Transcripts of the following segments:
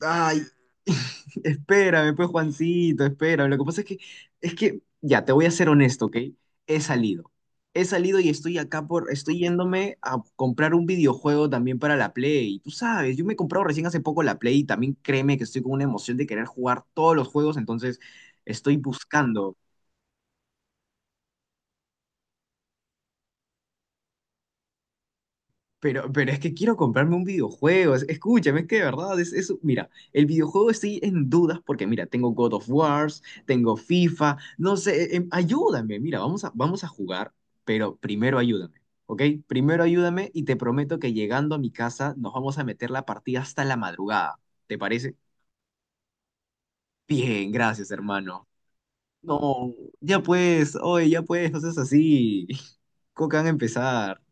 Ay, espérame, pues Juancito, espérame. Lo que pasa es que, ya, te voy a ser honesto, ¿ok? He salido. He salido y estoy acá estoy yéndome a comprar un videojuego también para la Play. Tú sabes, yo me he comprado recién hace poco la Play y también créeme que estoy con una emoción de querer jugar todos los juegos, entonces estoy buscando. Pero es que quiero comprarme un videojuego. Escúchame, es que de verdad es eso. Mira, el videojuego estoy en dudas porque, mira, tengo God of Wars, tengo FIFA, no sé, ayúdame. Mira, vamos a jugar, pero primero ayúdame, ¿ok? Primero ayúdame y te prometo que llegando a mi casa nos vamos a meter la partida hasta la madrugada. ¿Te parece? Bien, gracias, hermano. No, ya pues, oye, ya pues, no seas así. ¿Cómo que van a empezar?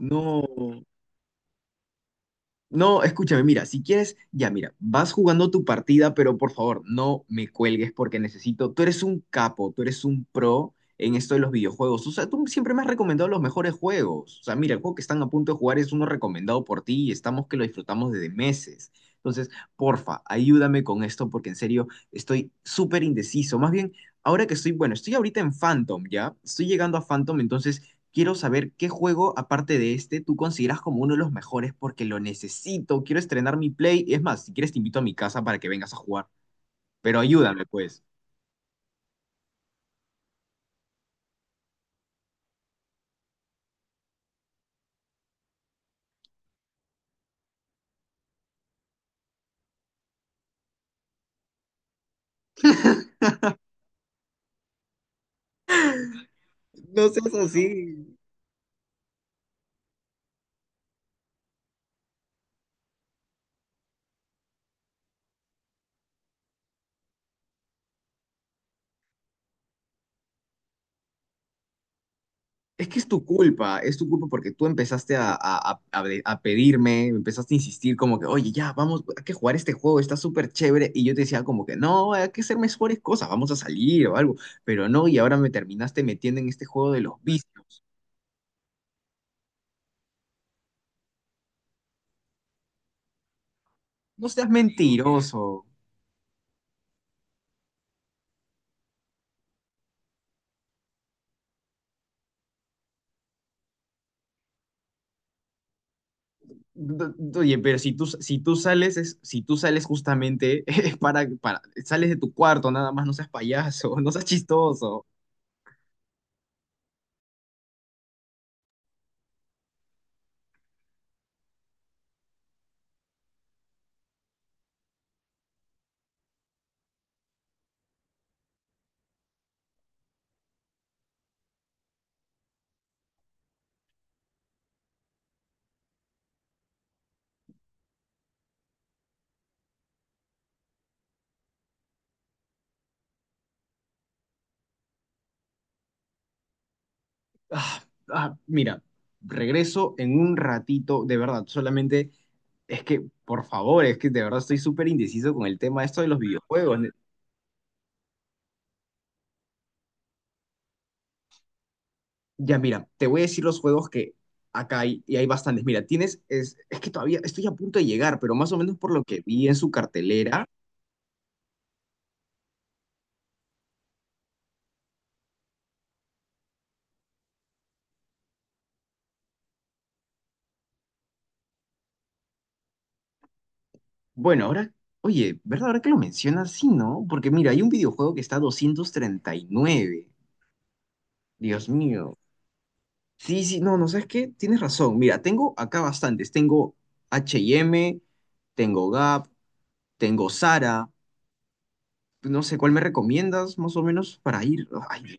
No. No, escúchame, mira, si quieres, ya mira, vas jugando tu partida, pero por favor, no me cuelgues porque necesito, tú eres un capo, tú eres un pro en esto de los videojuegos. O sea, tú siempre me has recomendado los mejores juegos. O sea, mira, el juego que están a punto de jugar es uno recomendado por ti y estamos que lo disfrutamos desde meses. Entonces, porfa, ayúdame con esto porque en serio estoy súper indeciso. Más bien, ahora que estoy, bueno, estoy ahorita en Phantom, ¿ya? Estoy llegando a Phantom, entonces... Quiero saber qué juego, aparte de este, tú consideras como uno de los mejores porque lo necesito. Quiero estrenar mi Play. Es más, si quieres te invito a mi casa para que vengas a jugar. Pero ayúdame, pues. No seas así. Es que es tu culpa porque tú empezaste a pedirme, empezaste a insistir como que, oye, ya, vamos, hay que jugar este juego, está súper chévere. Y yo te decía como que, no, hay que hacer mejores cosas, vamos a salir o algo. Pero no, y ahora me terminaste metiendo en este juego de los vicios. No seas mentiroso. Oye, pero si tú sales, si tú sales justamente sales de tu cuarto, nada más, no seas payaso, no seas chistoso. Ah, mira, regreso en un ratito, de verdad, solamente por favor, es que de verdad estoy súper indeciso con el tema esto de los videojuegos. Ya, mira, te voy a decir los juegos que acá hay, y hay bastantes. Mira, tienes, es que todavía estoy a punto de llegar, pero más o menos por lo que vi en su cartelera. Bueno, ahora, oye, ¿verdad? Ahora que lo mencionas, sí, ¿no? Porque mira, hay un videojuego que está a 239. Dios mío. Sí, sí, no, no, ¿sabes qué? Tienes razón. Mira, tengo acá bastantes. Tengo H&M, tengo Gap, tengo Zara. No sé, ¿cuál me recomiendas más o menos para ir? Ay,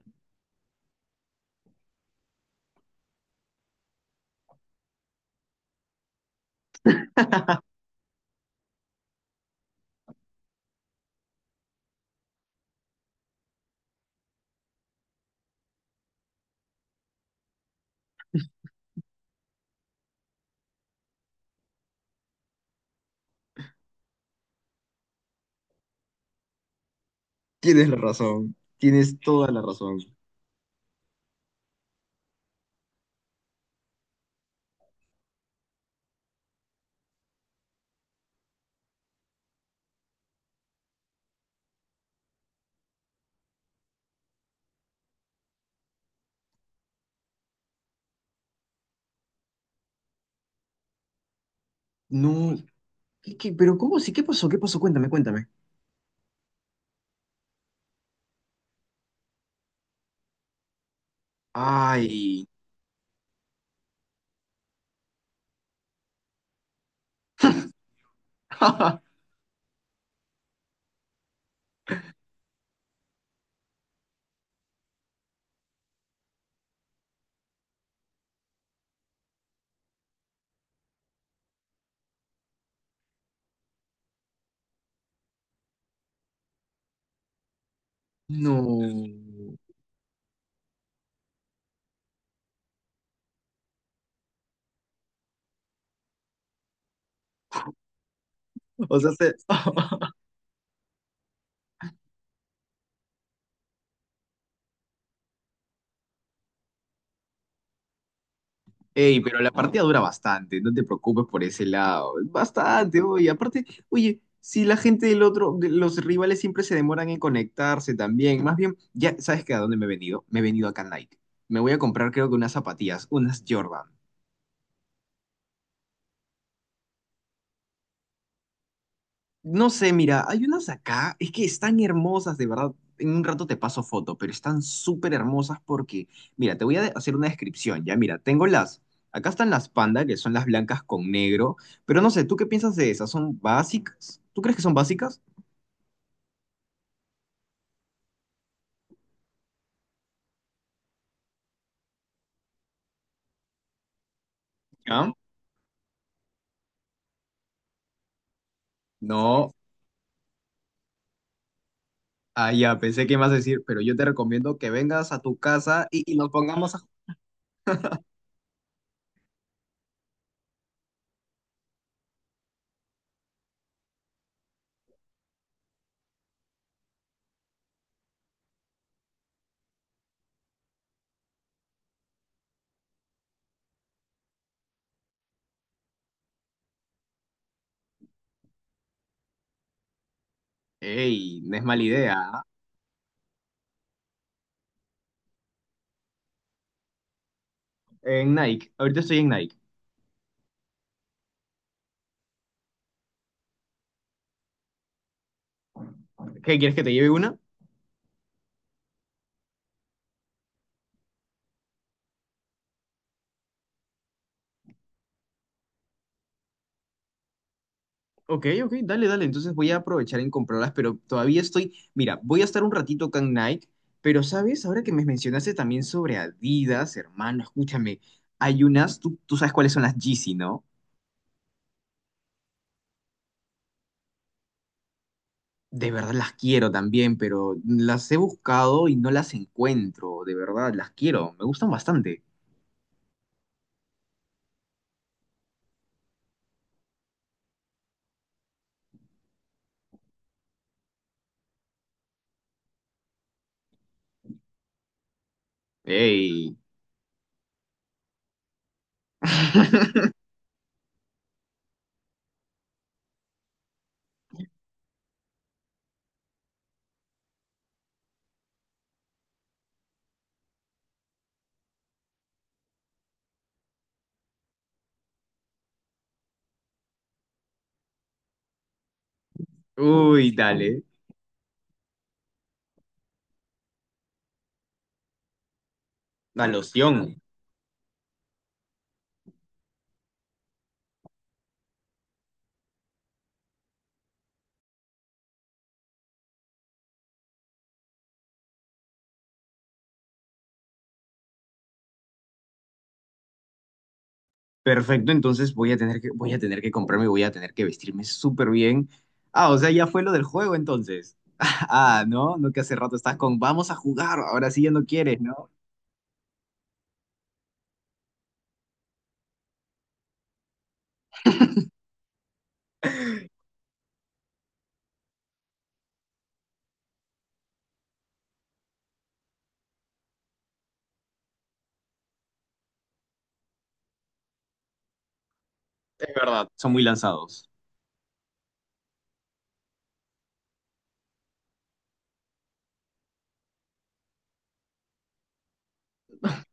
tienes la razón. Tienes toda la razón. No, ¿qué, qué? ¿Pero cómo sí? ¿Qué pasó? ¿Qué pasó? Cuéntame, cuéntame. Ay, no. O sea, se... ¡Ey! Pero la partida dura bastante, no te preocupes por ese lado. Bastante, oye. Aparte, oye, si la gente de los rivales siempre se demoran en conectarse también. Más bien, ya, ¿sabes qué? ¿A dónde me he venido? Me he venido acá a Nike. Me voy a comprar, creo que unas zapatillas, unas Jordan. No sé, mira, hay unas acá, es que están hermosas, de verdad. En un rato te paso foto, pero están súper hermosas porque, mira, te voy a hacer una descripción, ya, mira, tengo las, acá están las panda, que son las blancas con negro, pero no sé, ¿tú qué piensas de esas? ¿Son básicas? ¿Tú crees que son básicas? ¿Ya? No, ah, ya, pensé que ibas a decir, pero yo te recomiendo que vengas a tu casa y nos pongamos a... ¡Ey! No es mala idea, ¿ah? En Nike, ahorita estoy en Nike. ¿Qué, quieres que te lleve una? Ok, ok, dale, dale. Entonces voy a aprovechar en comprarlas, pero todavía estoy. Mira, voy a estar un ratito con Nike, pero sabes, ahora que me mencionaste también sobre Adidas, hermano, escúchame. Hay unas, tú sabes cuáles son las Yeezy, ¿no? De verdad las quiero también, pero las he buscado y no las encuentro. De verdad, las quiero. Me gustan bastante. ¡Ey! Uy, dale. La loción. Perfecto, entonces voy a tener voy a tener que vestirme súper bien. Ah, o sea, ya fue lo del juego entonces. Ah, no, no que hace rato estás con, vamos a jugar, ahora sí ya no quieres, ¿no? Es verdad, son muy lanzados.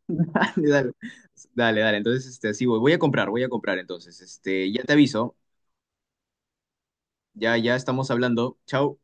Dale, dale, entonces, este, sí, voy a comprar entonces, este, ya te aviso, ya, ya estamos hablando, chao.